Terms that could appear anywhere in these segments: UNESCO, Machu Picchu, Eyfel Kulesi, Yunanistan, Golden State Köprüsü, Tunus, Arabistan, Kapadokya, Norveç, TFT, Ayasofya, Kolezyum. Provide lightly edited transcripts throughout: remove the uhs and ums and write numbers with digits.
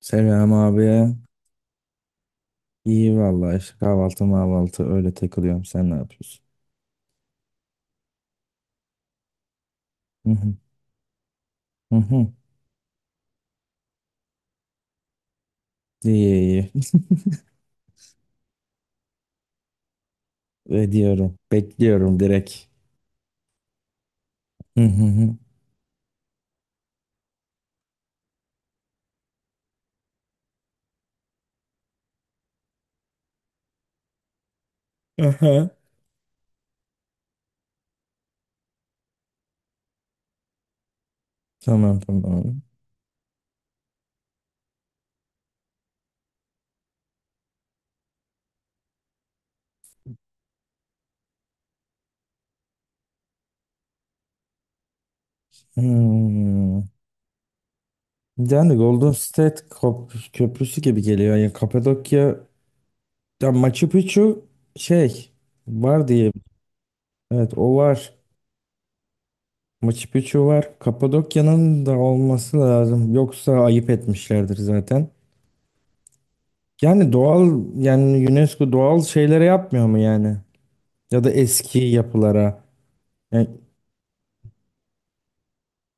Selam abi. İyi vallahi işte kahvaltı mahvaltı öyle takılıyorum. Sen ne yapıyorsun? Hı hı. Hı hı. İyi iyi. Ediyorum. Bekliyorum direkt. Hı hı hı. Aha. Tamam tamam. Hmm. Yani Golden State köprüsü gibi geliyor. Yani Kapadokya ya Machu Picchu şey var diye. Evet o var. Machu Picchu var. Kapadokya'nın da olması lazım. Yoksa ayıp etmişlerdir zaten. Yani doğal yani UNESCO doğal şeylere yapmıyor mu yani? Ya da eski yapılara. Yani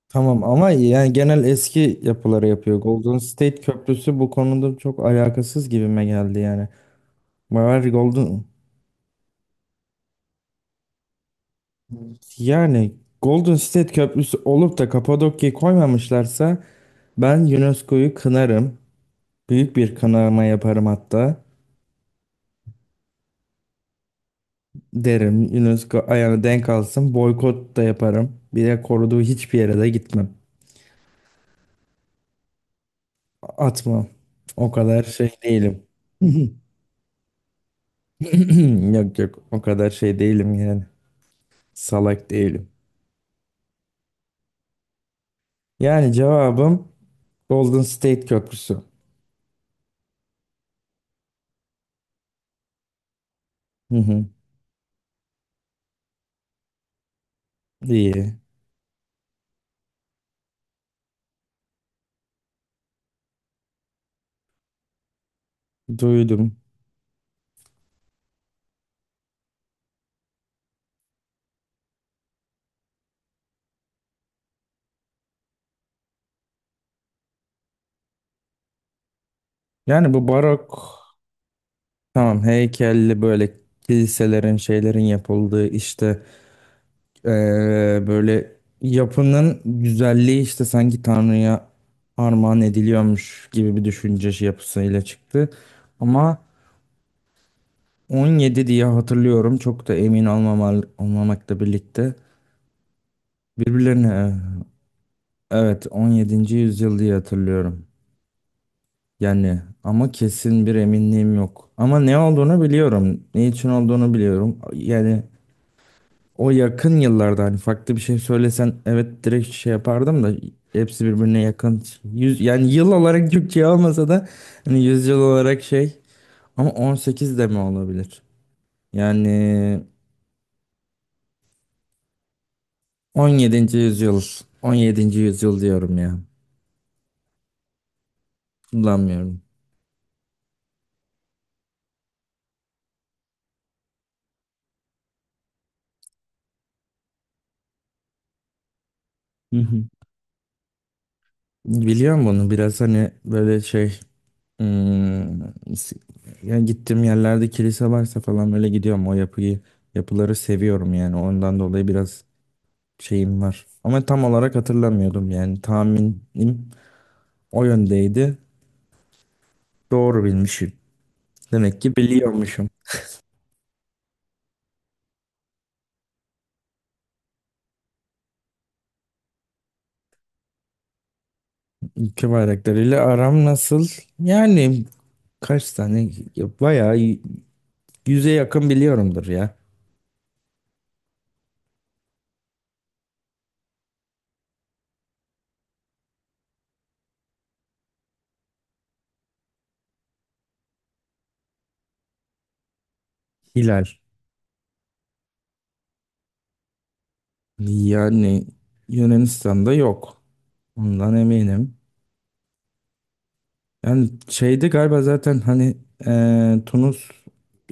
tamam ama yani genel eski yapılara yapıyor. Golden State Köprüsü bu konuda çok alakasız gibime geldi yani. Var Golden Yani Golden State Köprüsü olup da Kapadokya'yı koymamışlarsa ben UNESCO'yu kınarım. Büyük bir kınama yaparım hatta. Derim UNESCO ayağını denk alsın. Boykot da yaparım. Bir de koruduğu hiçbir yere de gitmem. Atmam. O kadar şey değilim. Yok yok o kadar şey değilim yani. Salak değilim. Yani cevabım Golden State Köprüsü. Hı hı. İyi. Duydum. Yani bu barok tamam heykelli böyle kiliselerin şeylerin yapıldığı işte eee, böyle yapının güzelliği işte sanki Tanrı'ya armağan ediliyormuş gibi bir düşünce şey yapısıyla çıktı. Ama 17 diye hatırlıyorum. Çok da emin olmamakla birlikte. Birbirlerine evet 17. yüzyıl diye hatırlıyorum. Yani ama kesin bir eminliğim yok. Ama ne olduğunu biliyorum. Ne için olduğunu biliyorum. Yani o yakın yıllarda hani farklı bir şey söylesen evet direkt şey yapardım da hepsi birbirine yakın. Yani yıl olarak Türkçe olmasa da hani yüzyıl olarak şey ama 18 de mi olabilir? Yani 17. yüzyıl. 17. yüzyıl diyorum ya. Kullanmıyorum. Hı hı. Biliyorum bunu. Biraz hani böyle şey hmm, s- yani gittiğim yerlerde kilise varsa falan böyle gidiyorum. Yapıları seviyorum yani. Ondan dolayı biraz şeyim var. Ama tam olarak hatırlamıyordum yani. Tahminim o yöndeydi. Doğru bilmişim. Demek ki biliyormuşum. Ülke bayraklarıyla aram nasıl? Yani kaç tane? Bayağı iyi. Yüze yakın biliyorumdur ya. Hilal. Yani Yunanistan'da yok. Ondan eminim. Yani şeydi galiba zaten hani Tunus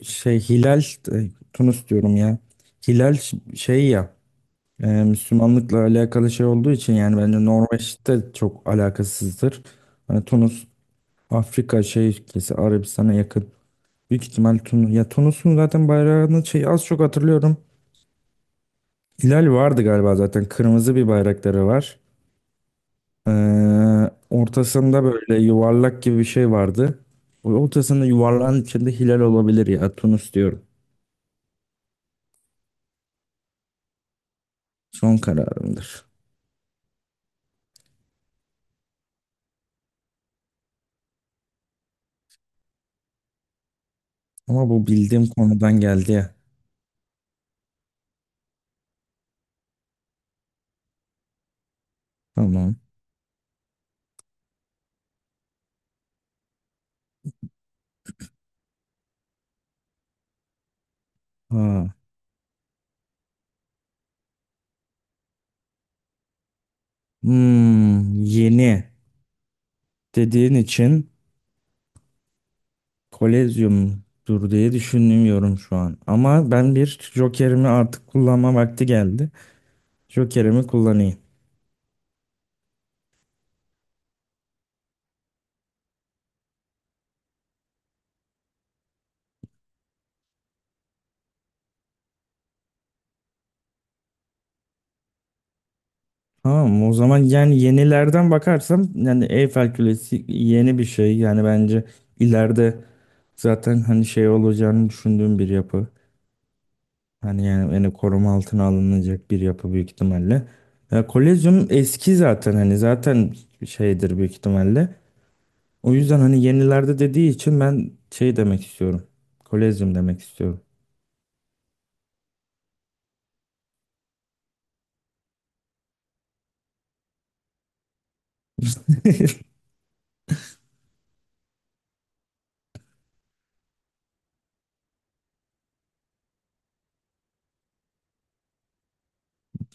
şey Hilal Tunus diyorum ya. Hilal şey ya Müslümanlıkla alakalı şey olduğu için yani bence Norveç'te çok alakasızdır. Hani Tunus Afrika şey ülkesi Arabistan'a yakın. Büyük ihtimal Tunus. Ya Tunus'un zaten bayrağını şey az çok hatırlıyorum. Hilal vardı galiba zaten. Kırmızı bir bayrakları var. Ortasında böyle yuvarlak gibi bir şey vardı. O ortasında yuvarlağın içinde hilal olabilir ya. Tunus diyorum. Son kararımdır. Ama bu bildiğim konudan geldi ya. Tamam. Ha. Yeni dediğin için kolezyumdur diye düşünmüyorum şu an. Ama ben bir jokerimi artık kullanma vakti geldi. Jokerimi kullanayım. Tamam o zaman yani yenilerden bakarsam yani Eyfel Kulesi yeni bir şey. Yani bence ileride zaten hani şey olacağını düşündüğüm bir yapı. Hani yani koruma altına alınacak bir yapı büyük ihtimalle. Ya, Kolezyum eski zaten hani zaten şeydir büyük ihtimalle. O yüzden hani yenilerde dediği için ben şey demek istiyorum. Kolezyum demek istiyorum.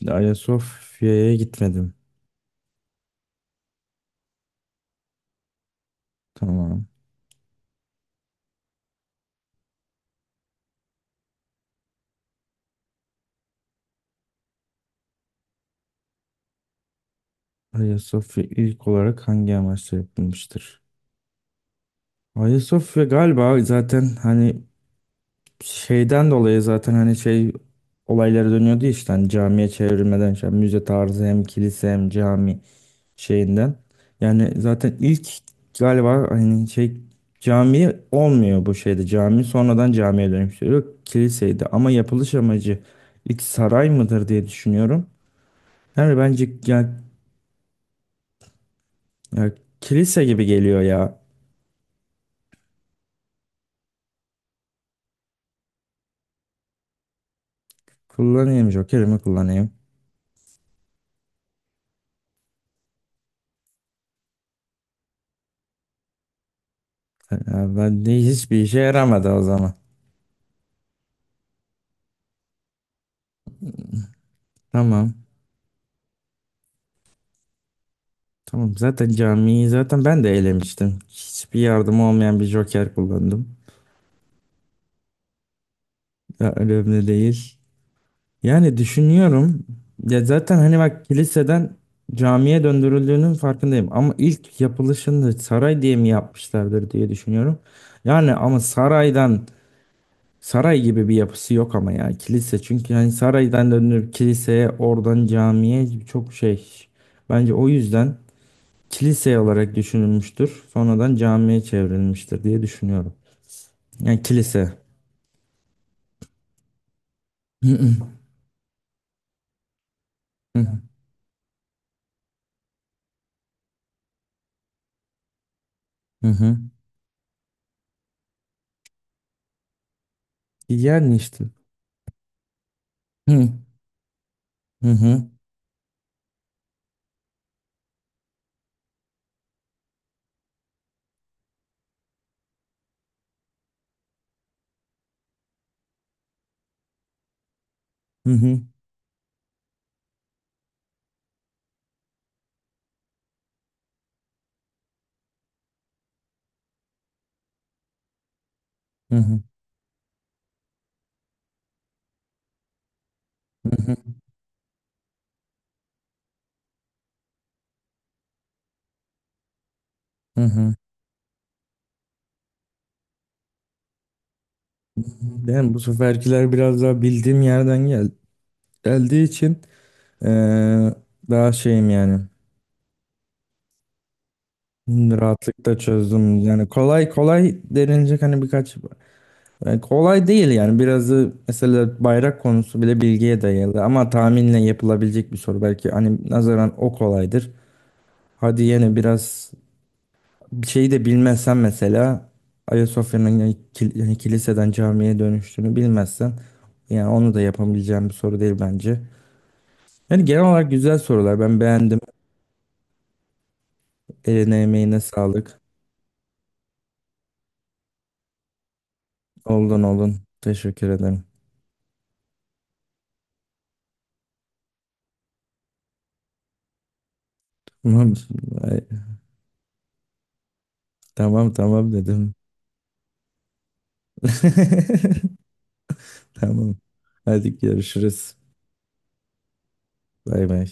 Ayasofya'ya gitmedim. Tamam. Ayasofya ilk olarak hangi amaçla yapılmıştır? Ayasofya galiba zaten hani şeyden dolayı zaten hani şey olayları dönüyordu ya işte hani camiye çevrilmeden işte hani müze tarzı hem kilise hem cami şeyinden. Yani zaten ilk galiba hani şey cami olmuyor bu şeyde cami sonradan camiye dönüştürüyor kiliseydi ama yapılış amacı ilk saray mıdır diye düşünüyorum. Yani bence ya kilise gibi geliyor ya. Jokerimi kullanayım. Ya ben de hiçbir işe yaramadı o zaman. Tamam. Tamam. Zaten camiyi zaten ben de elemiştim. Hiçbir yardım olmayan bir joker kullandım. Ya, önemli değil. Yani düşünüyorum. Ya zaten hani bak kiliseden camiye döndürüldüğünün farkındayım. Ama ilk yapılışını saray diye mi yapmışlardır diye düşünüyorum. Yani ama saray gibi bir yapısı yok ama ya kilise. Çünkü hani saraydan döndürüp kiliseye oradan camiye çok şey. Bence o yüzden kilise olarak düşünülmüştür. Sonradan camiye çevrilmiştir diye düşünüyorum. Yani kilise. Hı hı. Hı hı. Yani işte. Hı hı. Hı hı. Hı hı. Hı hı. Hı. Ben bu seferkiler biraz daha bildiğim yerden geldiği için eee, daha şeyim yani rahatlıkla çözdüm. Yani kolay kolay denilecek hani birkaç. Yani kolay değil yani biraz da mesela bayrak konusu bile bilgiye dayalı ama tahminle yapılabilecek bir soru belki hani nazaran o kolaydır. Hadi yine biraz bir şeyi de bilmezsen mesela Ayasofya'nın yani yani kiliseden camiye dönüştüğünü bilmezsen yani onu da yapabileceğim bir soru değil bence. Yani genel olarak güzel sorular ben beğendim. Eline emeğine sağlık. Oldun olun. Teşekkür ederim. Tamam. Ay, tamam tamam dedim. Tamam. Hadi görüşürüz. Bay bay.